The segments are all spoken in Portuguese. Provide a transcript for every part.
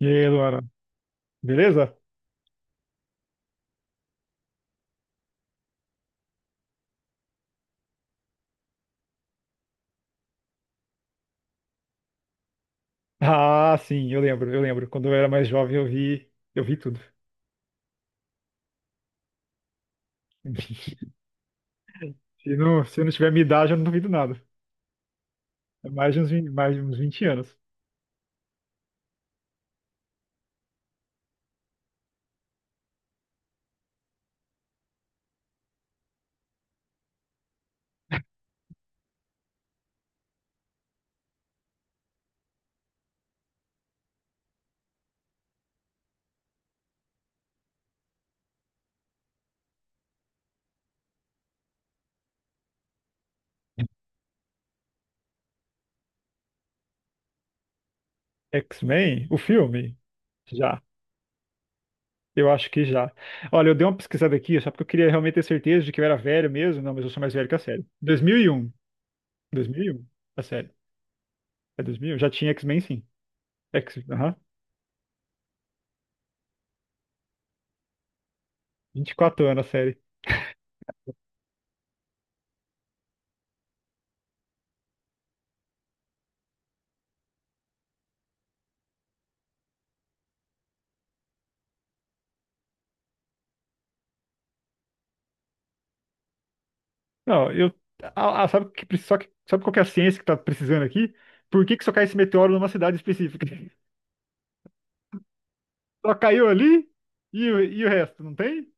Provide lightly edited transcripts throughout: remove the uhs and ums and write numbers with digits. E aí, Luana, beleza? Ah, sim, eu lembro, eu lembro. Quando eu era mais jovem, eu vi tudo. Se eu não tiver minha idade, eu não duvido nada. É mais de uns 20 anos. X-Men, o filme? Já. Eu acho que já. Olha, eu dei uma pesquisada aqui, só porque eu queria realmente ter certeza de que eu era velho mesmo. Não, mas eu sou mais velho que a série. 2001. 2001? A série. É 2001? Já tinha X-Men, sim. Aham. 24 anos a série. Não, eu. Ah, sabe só que, sabe qual que é a ciência que tá precisando aqui? Por que que só cai esse meteoro numa cidade específica? Só caiu ali e o resto, não tem?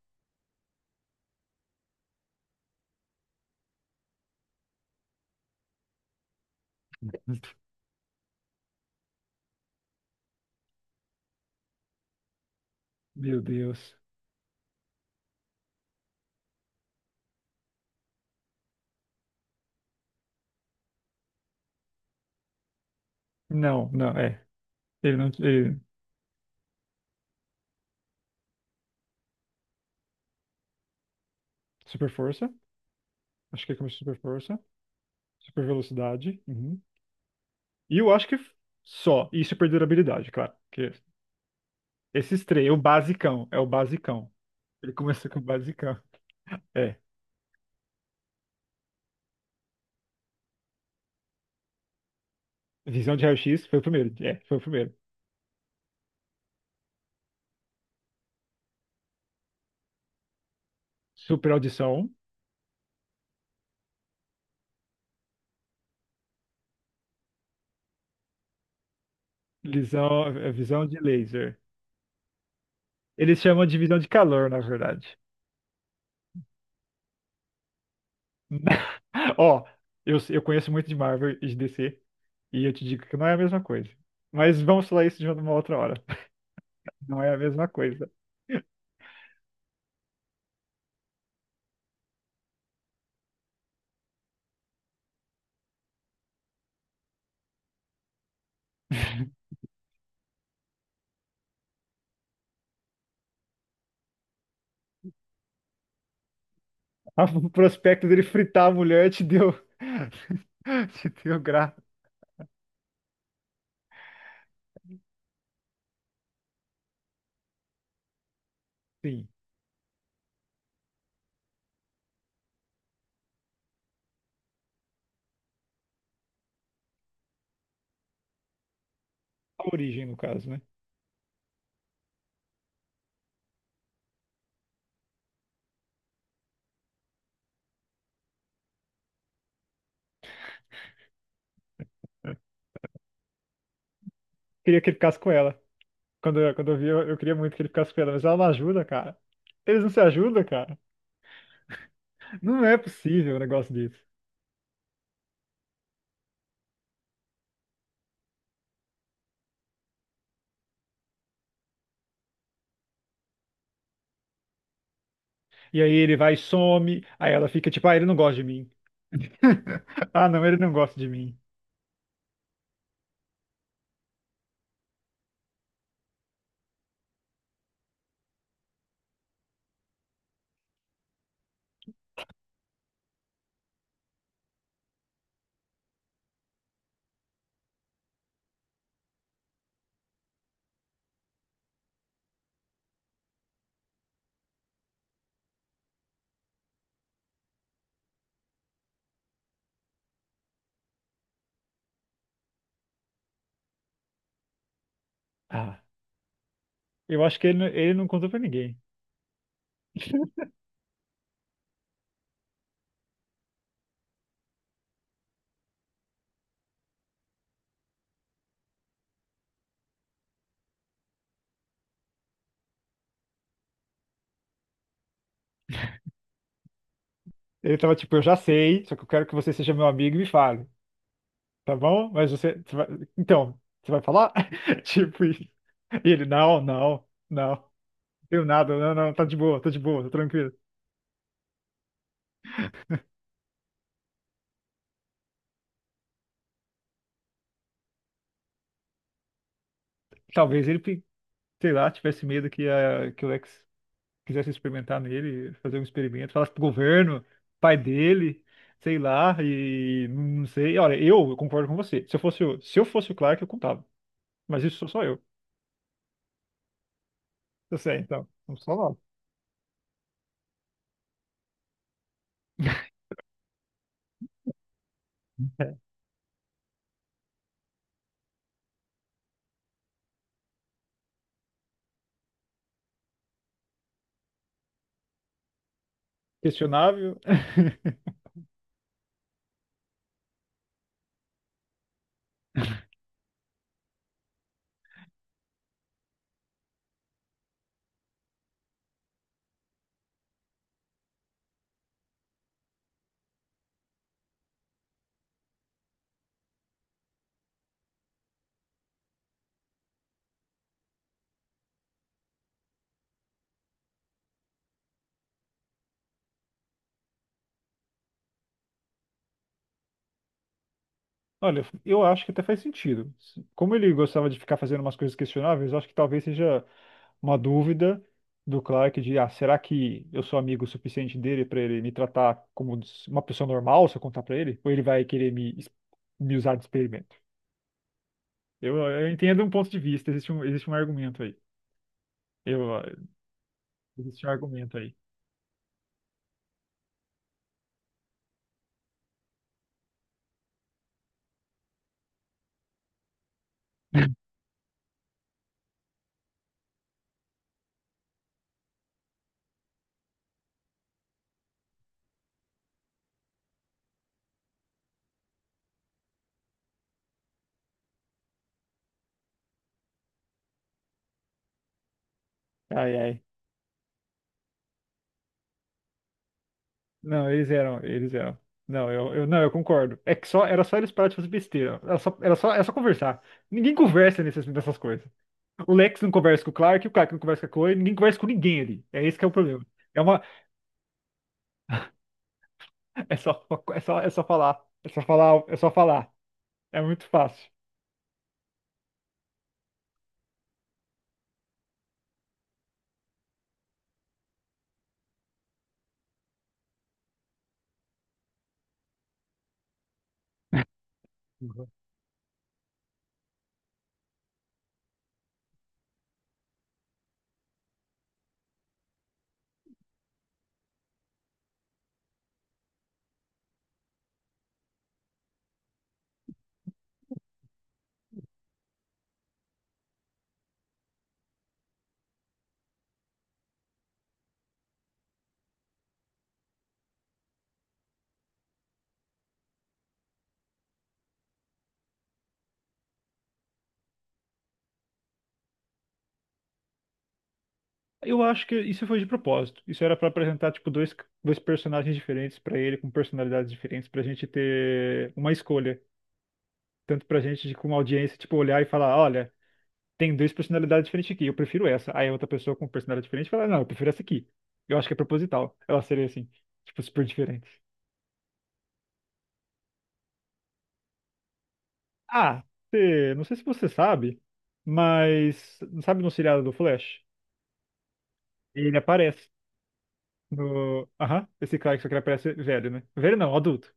Meu Deus. Não, não, é. Ele não. Ele... Super força. Acho que ele começou super força. Super velocidade. Uhum. E eu acho que só. E super durabilidade, claro. Que esses três, o basicão, é o basicão. Ele começou com o basicão. É. Visão de raio-x foi o primeiro. É, foi o primeiro. Super audição. Visão, é visão de laser. Eles chamam de visão de calor, na verdade. Ó, eu conheço muito de Marvel e de DC, e eu te digo que não é a mesma coisa. Mas vamos falar isso de uma outra hora. Não é a mesma coisa. O prospecto dele fritar a mulher te deu. Te deu graça. Sim. A origem, no caso, né? Queria que ele ficasse com ela. Quando eu vi, eu queria muito que ele ficasse com ela, mas ela não ajuda, cara. Eles não se ajudam, cara. Não é possível um negócio desse. E aí ele vai e some, aí ela fica tipo, ah, ele não gosta de mim. Ah, não, ele não gosta de mim. Ah, eu acho que ele não contou pra ninguém. Ele tava tipo, eu já sei, só que eu quero que você seja meu amigo e me fale, tá bom? Mas então, você vai falar? Tipo isso. E ele, não, não, não, eu nada, não, não, tá de boa, tá de boa, tá tranquilo. Talvez ele, sei lá, tivesse medo que o Lex quisesse experimentar nele, fazer um experimento, falasse pro governo, pai dele, sei lá, e não sei. Olha, eu concordo com você. Se eu fosse o Clark, eu contava. Mas isso sou só eu. Eu sei, então. Vamos falar. Questionável. Olha, eu acho que até faz sentido. Como ele gostava de ficar fazendo umas coisas questionáveis, eu acho que talvez seja uma dúvida do Clark de, será que eu sou amigo o suficiente dele para ele me tratar como uma pessoa normal se eu contar para ele? Ou ele vai querer me usar de experimento? Eu entendo um ponto de vista, existe um argumento aí. Eu, Existe um argumento aí. Ai, ai. Não, eles eram, eles eram. Não, não, eu concordo. É que só, era só eles pararem de fazer besteira. Era só, era só, era só conversar. Ninguém conversa nessas coisas. O Lex não conversa com o Clark não conversa com a Chloe, ninguém conversa com ninguém ali. É esse que é o problema. É uma, é só, é só, é só falar. É só falar, é só falar. É muito fácil. Uhum. Eu acho que isso foi de propósito. Isso era pra apresentar tipo dois personagens diferentes pra ele, com personalidades diferentes, pra gente ter uma escolha, tanto pra gente como audiência, tipo olhar e falar, olha, tem duas personalidades diferentes aqui, eu prefiro essa. Aí outra pessoa com personalidade diferente fala, não, eu prefiro essa aqui. Eu acho que é proposital. Ela seria assim, tipo super diferente. Ah, não sei se você sabe, mas sabe no seriado do Flash? Ele aparece. No... Aham, esse cara que só que ele parece velho, né? Velho não, adulto.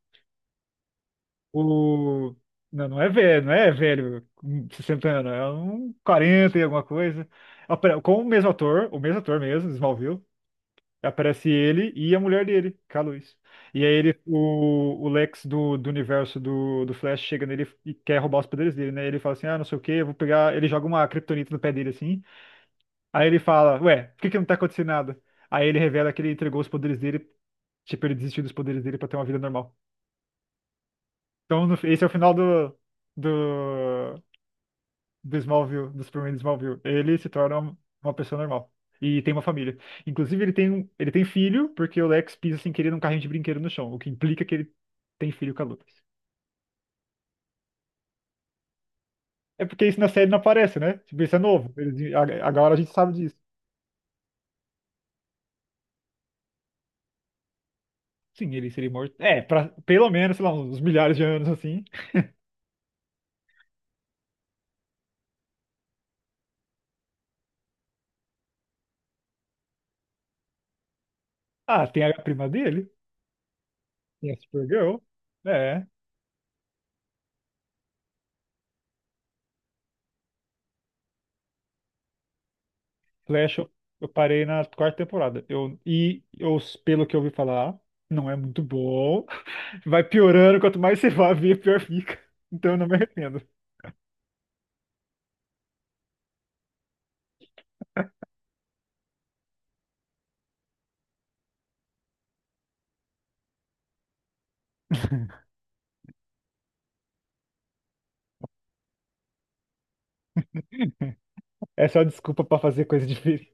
O... Não, não é velho, não é velho com 60 anos, é um 40 e alguma coisa. Com o mesmo ator mesmo, Smallville, aparece ele e a mulher dele, que é a Lois. E aí o Lex do universo do Flash chega nele e quer roubar os poderes dele, né? Ele fala assim, ah, não sei o que eu vou pegar... Ele joga uma kryptonita no pé dele, assim. Aí ele fala, ué, por que que não tá acontecendo nada? Aí ele revela que ele entregou os poderes dele, tipo, ele desistiu dos poderes dele pra ter uma vida normal. Então, esse é o final do, do Smallville, do Superman de Smallville. Ele se torna uma pessoa normal. E tem uma família. Inclusive, ele tem filho, porque o Lex pisa sem querer num carrinho de brinquedo no chão, o que implica que ele tem filho com a Lois. É porque isso na série não aparece, né? Tipo, isso é novo. Agora a gente sabe disso. Sim, ele seria morto. É, pelo menos, sei lá, uns milhares de anos assim. Ah, tem a prima dele? Tem a Supergirl. É. Flash, eu parei na quarta temporada. E eu, pelo que eu ouvi falar, não é muito bom. Vai piorando, quanto mais você vai ver, pior fica. Então eu não me arrependo. É só desculpa pra fazer coisa difícil.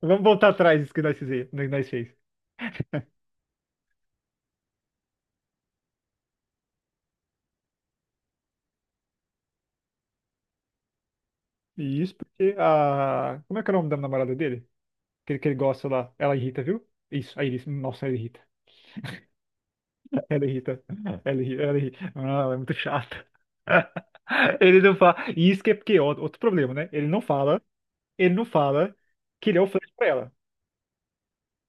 Vamos voltar atrás disso que nós fizemos, que nós fez. E isso porque a. Como é que é o nome da namorada dele? Que ele gosta lá. Ela irrita, viu? Isso, a Iris. Nossa, ela irrita. Ela é irrita. Ela irrita. Ela irrita. Ah, ela é muito chata. Ele não fala. E isso que é porque, ó, outro problema, né? Ele não fala que ele é o Flash pra ela.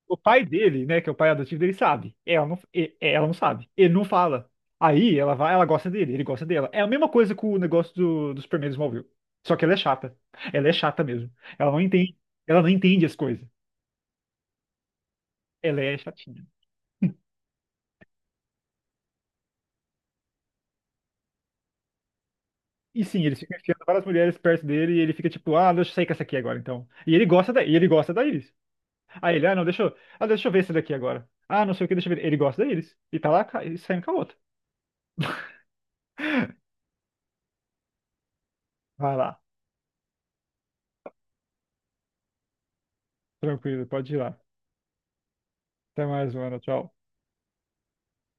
O pai dele, né, que é o pai adotivo dele, sabe. Ela não sabe. Ele não fala. Aí ela vai, ela gosta dele, ele gosta dela. É a mesma coisa com o negócio do Superman do Smallville. Só que ela é chata. Ela é chata mesmo. Ela não entende, ela não entende as coisas. Ela é chatinha. E sim, ele fica enfiando várias mulheres perto dele e ele fica tipo, ah, deixa eu sair com essa aqui agora, então. E ele gosta da Iris. Aí ele, não, deixa eu ver essa daqui agora. Ah, não sei o que, deixa eu ver. Ele gosta da Iris. E tá lá e saindo com a outra. Vai lá, tranquilo, pode ir lá. Até mais, mano, tchau.